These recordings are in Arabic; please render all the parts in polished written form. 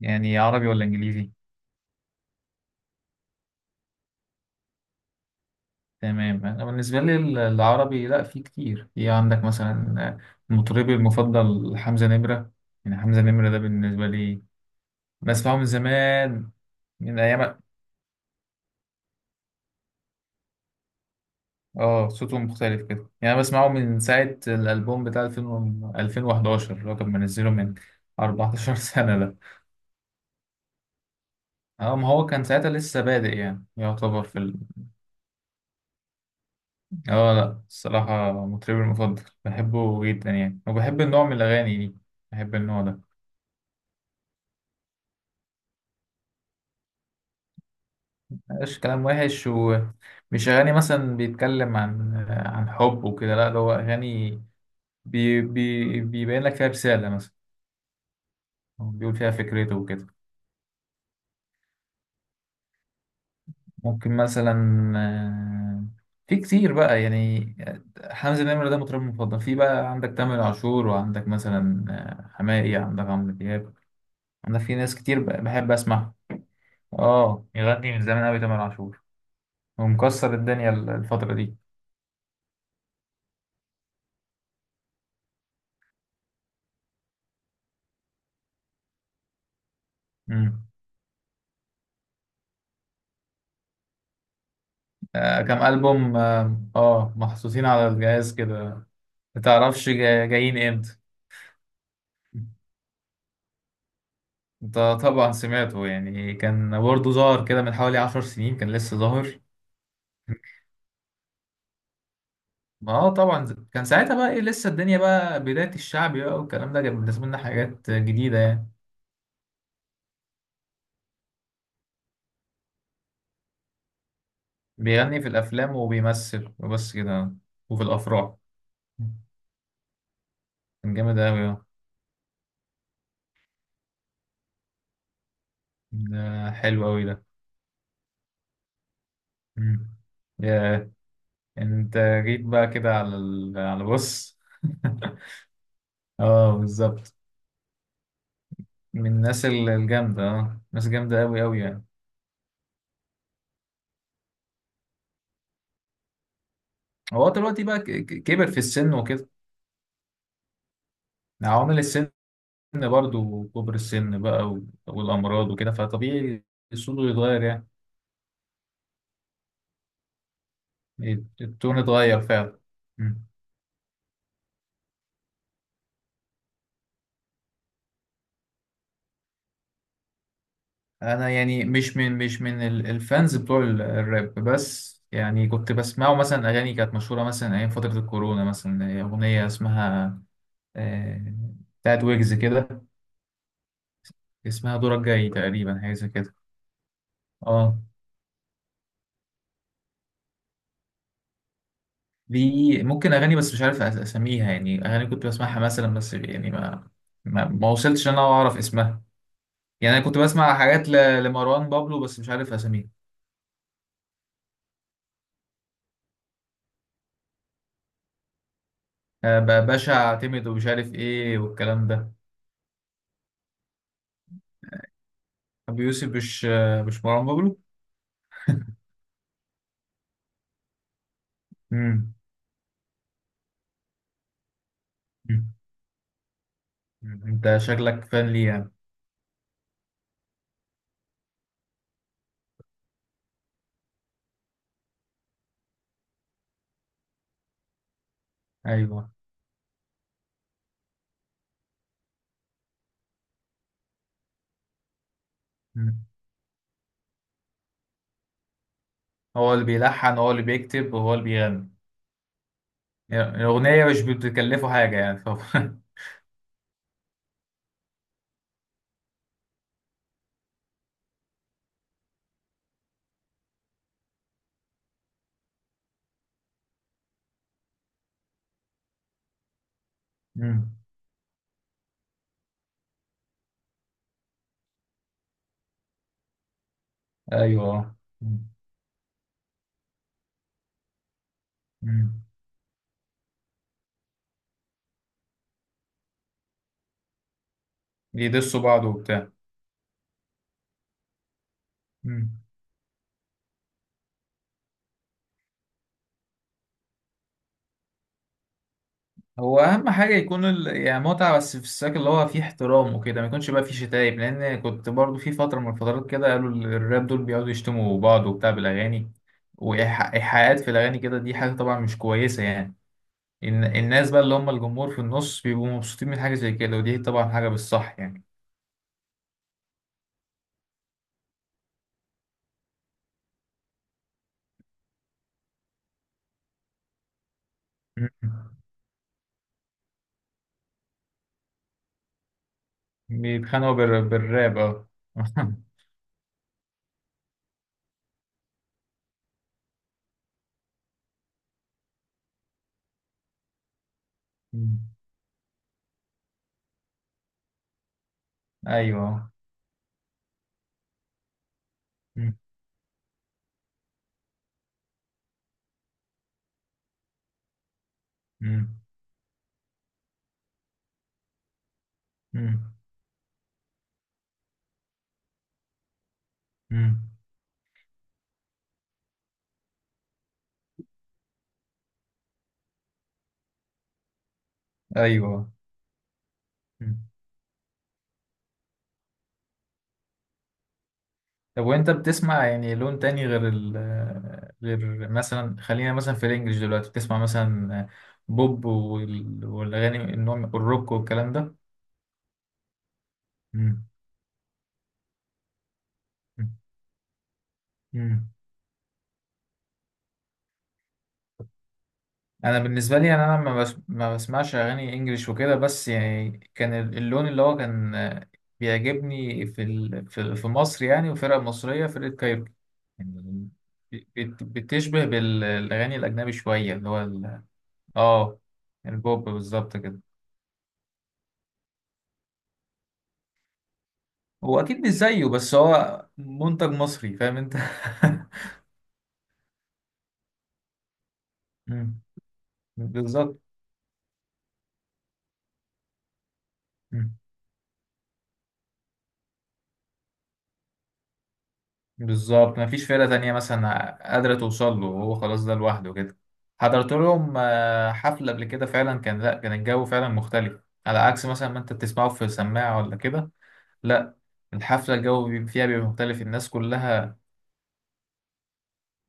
يعني عربي ولا انجليزي؟ تمام، انا بالنسبه لي العربي، لا، في كتير. في عندك مثلا مطربي المفضل حمزه نمره. يعني حمزه نمره ده بالنسبه لي بسمعه من زمان، من ايام. اه، صوته مختلف كده. يعني أنا بسمعه من ساعه الالبوم بتاع 2000 2011، اللي هو كان منزله من 14 سنه ده. اه، ما هو كان ساعتها لسه بادئ، يعني يعتبر اه، لا، الصراحه مطربي المفضل، بحبه جدا يعني، وبحب النوع من الاغاني دي، بحب النوع ده. مش كلام وحش، ومش أغاني مثلا بيتكلم عن حب وكده. لا، ده هو أغاني بي بي بيبين لك فيها رسالة مثلا، أو بيقول فيها فكرته وكده. ممكن مثلا، آه، في كتير بقى يعني. حمزة نمرة ده مطرب مفضل. في بقى عندك تامر عاشور، وعندك مثلا حماقي، عندك عمرو دياب. عندك في ناس كتير بحب أسمعها. اه، يغني من زمان أوي تامر عاشور، ومكسر الدنيا الفترة دي. كام ألبوم، محطوطين على الجهاز كده. متعرفش جايين امتى. انت طبعا سمعته. يعني كان برضه ظاهر كده من حوالي 10 سنين، كان لسه ظاهر. ما اه، طبعا كان ساعتها بقى ايه، لسه الدنيا بقى بداية الشعب بقى، والكلام ده كان بالنسبة لنا حاجات جديدة يعني. بيغني في الأفلام وبيمثل وبس كده، وفي الأفراح. كان جامد أوي اه. ده حلو أوي ده. مم. ياه. انت جيت بقى كده على، بص. اه، بالظبط. من الناس الجامدة، اه، ناس جامدة أوي أوي يعني. هو دلوقتي بقى كبر في السن وكده، عوامل السن برضه، وكبر السن بقى والأمراض وكده، فطبيعي صوته يتغير يعني. التون اتغير فعلا. مم. أنا يعني مش من الفانز بتوع الراب، بس يعني كنت بسمعه. مثلا أغاني كانت مشهورة مثلا أيام فترة الكورونا، مثلا أغنية اسمها، آه، بتاعت ويجز كده، اسمها دورك جاي تقريبا، حاجة زي كده. اه. دي ممكن اغاني بس مش عارف اسميها، يعني اغاني كنت بسمعها مثلا، بس يعني ما ما وصلتش ان انا اعرف اسمها. يعني انا كنت بسمع حاجات لمروان بابلو، بس مش عارف اسميها، باشا اعتمد ومش عارف ايه والكلام ده. ابو يوسف، مش مش مروان بابلو. امم. انت شكلك فان ليه يعني؟ ايوه. مم. هو اللي بيلحن، هو اللي بيكتب، وهو اللي بيغني. يعني الاغنيه مش بتكلفه حاجه يعني طبعا. مم. ايوه. مم. مم. بيدسوا بعض وبتاع. هو اهم حاجه يكون يعني متعه، بس في السياق اللي هو فيه احترام وكده، ما يكونش بقى فيه شتايم، لان كنت برضو في فتره من الفترات كده، قالوا الراب دول بيقعدوا يشتموا بعض وبتاع بالاغاني، وايحاءات في الاغاني كده. دي حاجه طبعا مش كويسه يعني. الناس بقى اللي هم الجمهور في النص بيبقوا مبسوطين من حاجه زي كده، ودي طبعا حاجه بالصح يعني. م- بيتخانقوا بالراب، اه. م. ايوه. م- م- م- م. ايوه. طب وانت بتسمع يعني لون تاني غير غير مثلا، خلينا مثلا في الانجليش دلوقتي بتسمع مثلا بوب والاغاني النوع الروك والكلام ده. مم. مم. مم. انا بالنسبه لي، يعني انا ما, بس ما بسمعش اغاني انجليش وكده، بس يعني كان اللون اللي هو كان بيعجبني في مصر، يعني، وفرقه مصريه، فرقه كايروكي يعني. بتشبه بالاغاني الاجنبي شويه، اللي هو اه البوب بالظبط كده. هو اكيد مش زيه، بس هو منتج مصري، فاهم انت. مم. بالظبط. مم. بالظبط، مفيش فرقة تانية مثلا قادرة توصل له، وهو خلاص ده لوحده كده. حضرت لهم حفلة قبل كده، فعلا كان، لا، كان الجو فعلا مختلف، على عكس مثلا ما انت بتسمعه في سماعة ولا كده. لا، الحفلة الجو فيها بيبقى مختلف، الناس كلها.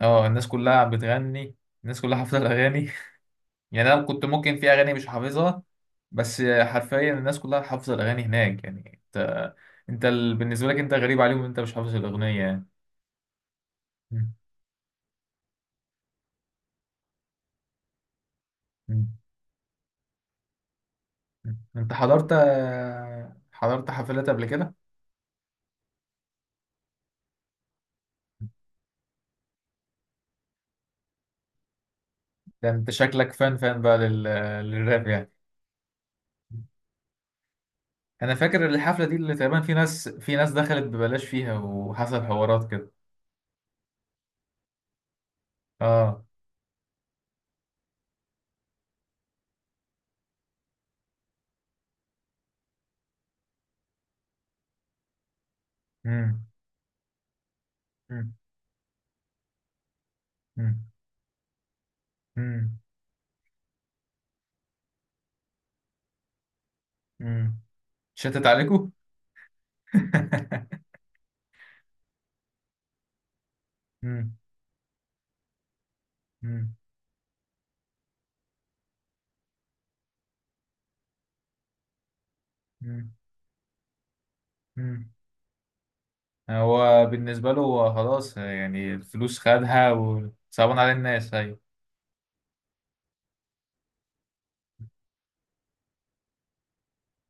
اه، الناس كلها بتغني، الناس كلها حافظة الأغاني. يعني انا كنت ممكن في اغاني مش حافظها، بس حرفيا الناس كلها حافظه الاغاني هناك، يعني انت، انت بالنسبه لك انت غريب عليهم إن انت مش حافظ الاغنيه يعني. م- م- م. انت حضرت حفلات قبل كده؟ ده انت شكلك فان بقى للراب يعني. انا فاكر الحفله دي، اللي تقريبا في ناس، دخلت ببلاش فيها، وحصل حوارات كده. اه. امم. امم. امم. امم. امم. شتت عليكم. امم. امم. امم. هو بالنسبة له هو خلاص، يعني الفلوس خدها، وصعبان على الناس. أيوة.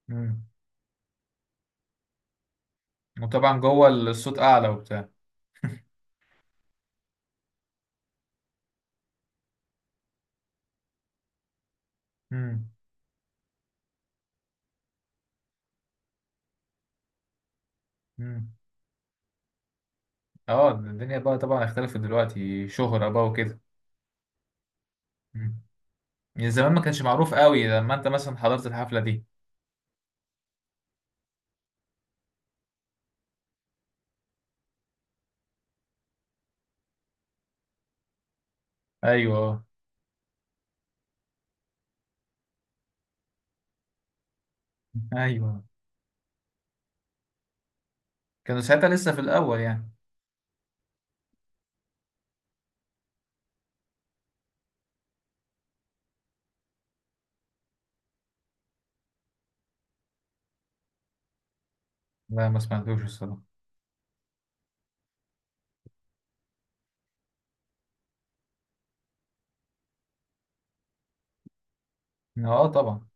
مم. وطبعا جوه الصوت أعلى وبتاع. مم. مم. اه، الدنيا بقى طبعا اختلفت دلوقتي، شهرة بقى وكده. مم. يعني زمان ما كانش معروف قوي، لما انت مثلا حضرت الحفلة دي. ايوه، ايوه. كانوا ساعتها لسه في الأول يعني. لا، ما سمعتوش الصراحة. اه، طبعا.